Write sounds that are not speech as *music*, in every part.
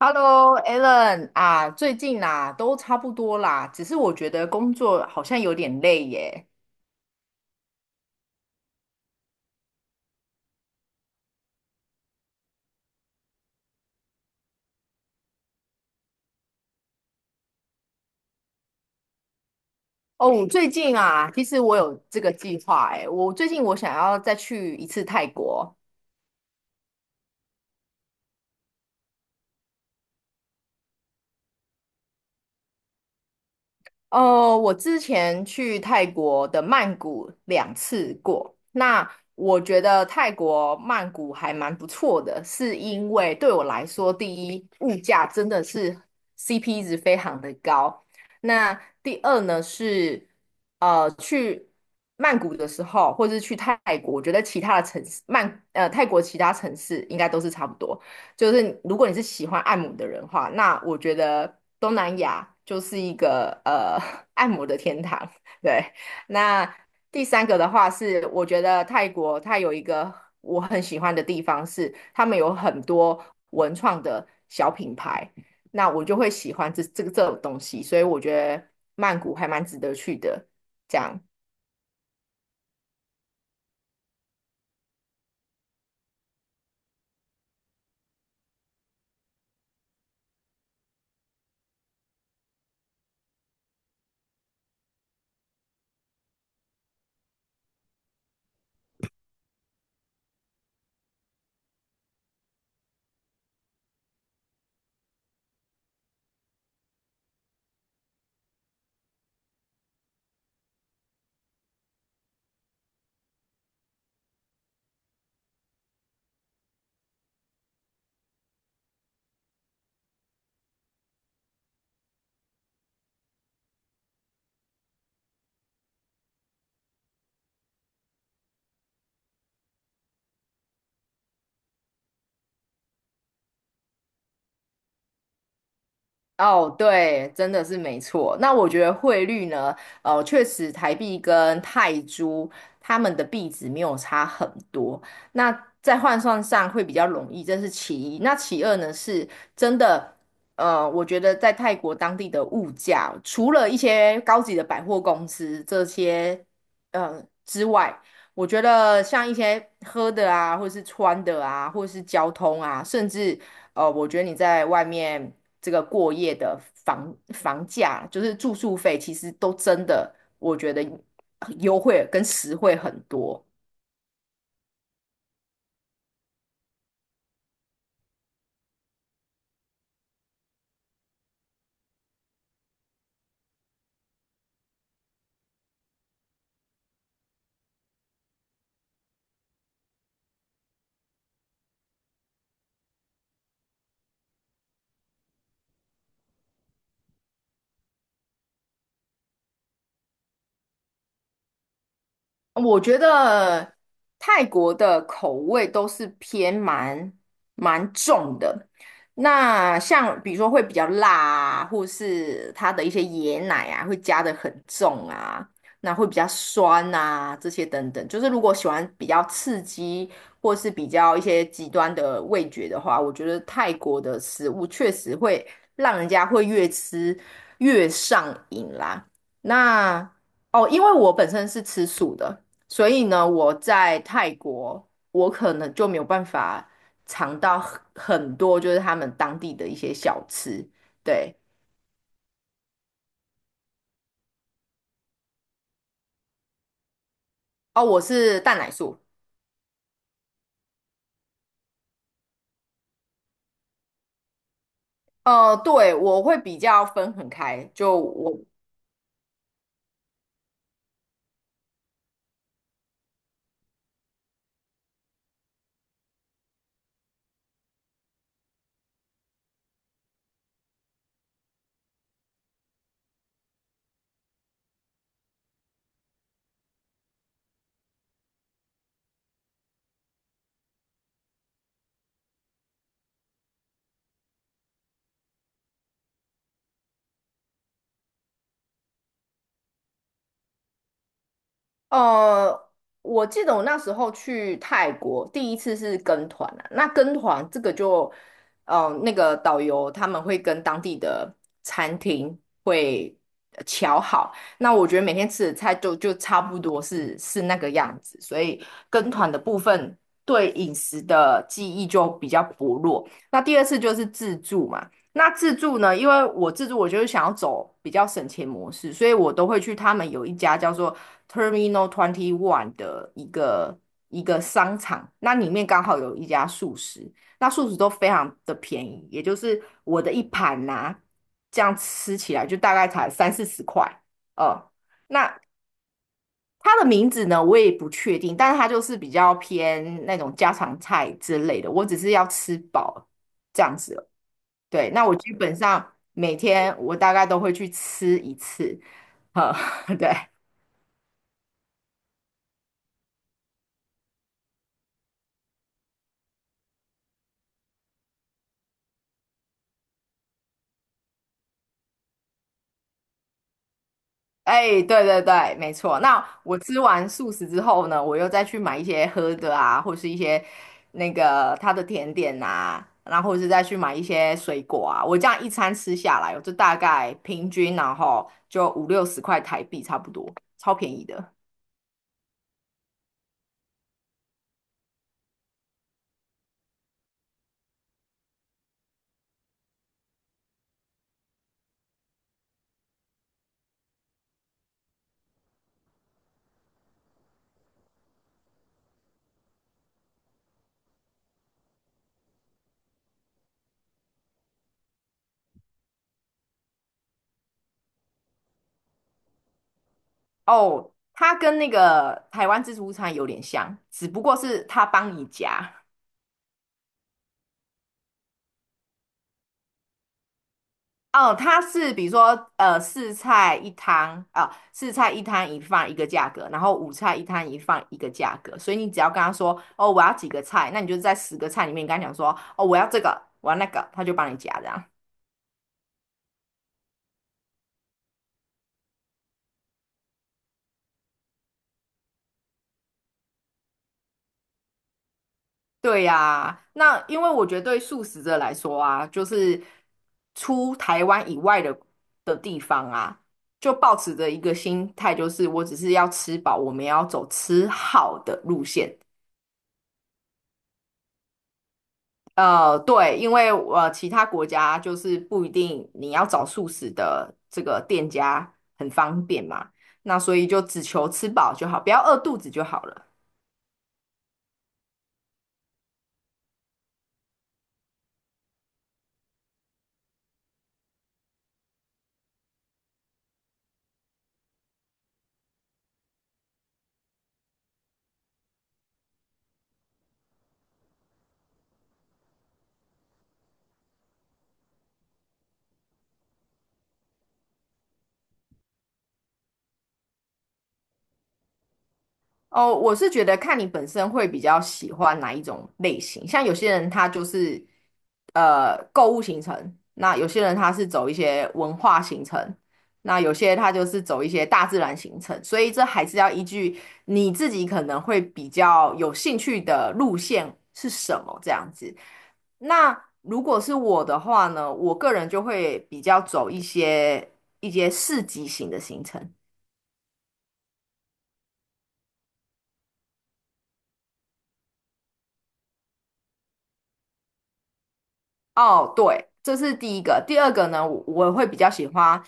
Hello，Alan 啊，最近啦、都差不多啦，只是我觉得工作好像有点累耶。哦，我最近啊，其实我有这个计划哎，我最近我想要再去一次泰国。我之前去泰国的曼谷两次过，那我觉得泰国曼谷还蛮不错的，是因为对我来说，第一，物价真的是 CP 值非常的高。那第二呢是，去曼谷的时候，或是去泰国，我觉得其他的城市，泰国其他城市应该都是差不多。就是如果你是喜欢按摩的人的话，那我觉得东南亚就是一个*laughs* 按摩的天堂。对。那第三个的话是，我觉得泰国它有一个我很喜欢的地方是，他们有很多文创的小品牌，那我就会喜欢这个这种东西，所以我觉得曼谷还蛮值得去的。这样。哦，对，真的是没错。那我觉得汇率呢，确实台币跟泰铢它们的币值没有差很多，那在换算上会比较容易，这是其一。那其二呢，是真的。我觉得在泰国当地的物价，除了一些高级的百货公司这些之外，我觉得像一些喝的啊，或是穿的啊，或是交通啊，甚至哦，我觉得你在外面这个过夜的房价，就是住宿费，其实都真的，我觉得优惠跟实惠很多。我觉得泰国的口味都是偏蛮重的，那像比如说会比较辣啊，或是它的一些椰奶啊，会加的很重啊，那会比较酸啊，这些等等。就是如果喜欢比较刺激，或是比较一些极端的味觉的话，我觉得泰国的食物确实会让人家会越吃越上瘾啦。那哦，因为我本身是吃素的，所以呢，我在泰国，我可能就没有办法尝到很多就是他们当地的一些小吃。对。哦，我是蛋奶素。对，我会比较分很开，就我。呃，我记得我那时候去泰国，第一次是跟团啊。那跟团这个就，那个导游他们会跟当地的餐厅会瞧好。那我觉得每天吃的菜就差不多是那个样子，所以跟团的部分对饮食的记忆就比较薄弱。那第二次就是自助嘛。那自助呢？因为我自助，我就是想要走比较省钱模式，所以我都会去他们有一家叫做 Terminal Twenty One 的一个商场，那里面刚好有一家素食，那素食都非常的便宜，也就是我的一盘呐、这样吃起来就大概才三四十块。呃，那它的名字呢，我也不确定，但是它就是比较偏那种家常菜之类的，我只是要吃饱这样子。对，那我基本上每天我大概都会去吃一次。呵，*laughs* 对。哎，对对对，没错。那我吃完素食之后呢，我又再去买一些喝的啊，或是一些那个它的甜点啊，然后或是再去买一些水果啊。我这样一餐吃下来哦，我就大概平均然后就五六十块台币差不多，超便宜的。哦，它跟那个台湾自助餐有点像，只不过是它帮你夹。哦，它是比如说，四菜一汤一饭一个价格，然后五菜一汤一饭一个价格，所以你只要跟他说，哦，我要几个菜，那你就在十个菜里面跟他讲说，哦，我要这个，我要那个，他就帮你夹这样。对呀、那因为我觉得对素食者来说啊，就是出台湾以外的地方啊，就抱持着一个心态，就是我只是要吃饱，我们要走吃好的路线。对，因为其他国家就是不一定你要找素食的这个店家很方便嘛，那所以就只求吃饱就好，不要饿肚子就好了。哦，我是觉得看你本身会比较喜欢哪一种类型，像有些人他就是购物行程，那有些人他是走一些文化行程，那有些他就是走一些大自然行程，所以这还是要依据你自己可能会比较有兴趣的路线是什么这样子。那如果是我的话呢，我个人就会比较走一些市集型的行程。哦，对，这是第一个。第二个呢，我会比较喜欢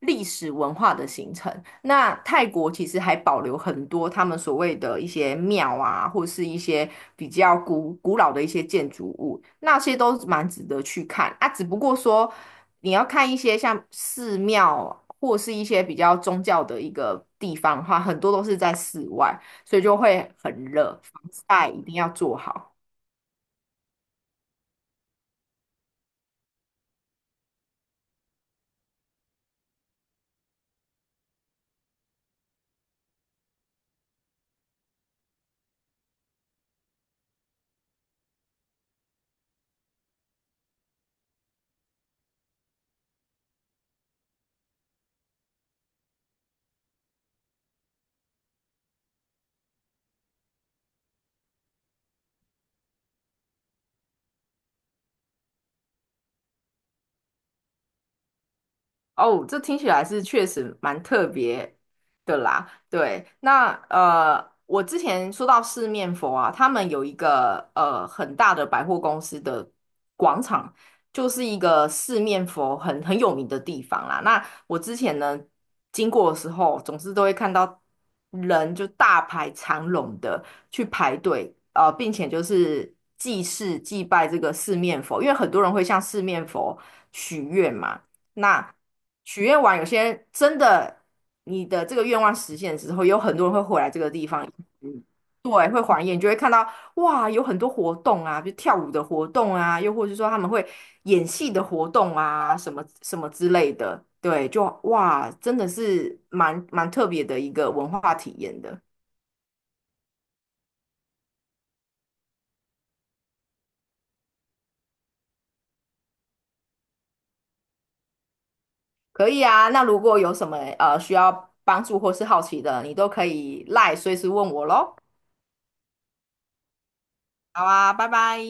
历史文化的行程。那泰国其实还保留很多他们所谓的一些庙啊，或是一些比较古老的一些建筑物，那些都蛮值得去看啊。只不过说你要看一些像寺庙或是一些比较宗教的一个地方的话，很多都是在室外，所以就会很热，防晒一定要做好。哦，这听起来是确实蛮特别的啦。对，那我之前说到四面佛啊，他们有一个很大的百货公司的广场，就是一个四面佛很有名的地方啦。那我之前呢经过的时候，总是都会看到人就大排长龙的去排队，并且就是祭祀祭拜这个四面佛，因为很多人会向四面佛许愿嘛。那许愿完，有些人真的你的这个愿望实现之后，有很多人会回来这个地方。嗯，对，会还愿，你就会看到哇，有很多活动啊，比如跳舞的活动啊，又或者是说他们会演戏的活动啊，什么什么之类的，对，就哇，真的是蛮特别的一个文化体验的。可以啊，那如果有什么需要帮助或是好奇的，你都可以赖随时问我喽。好啊，拜拜。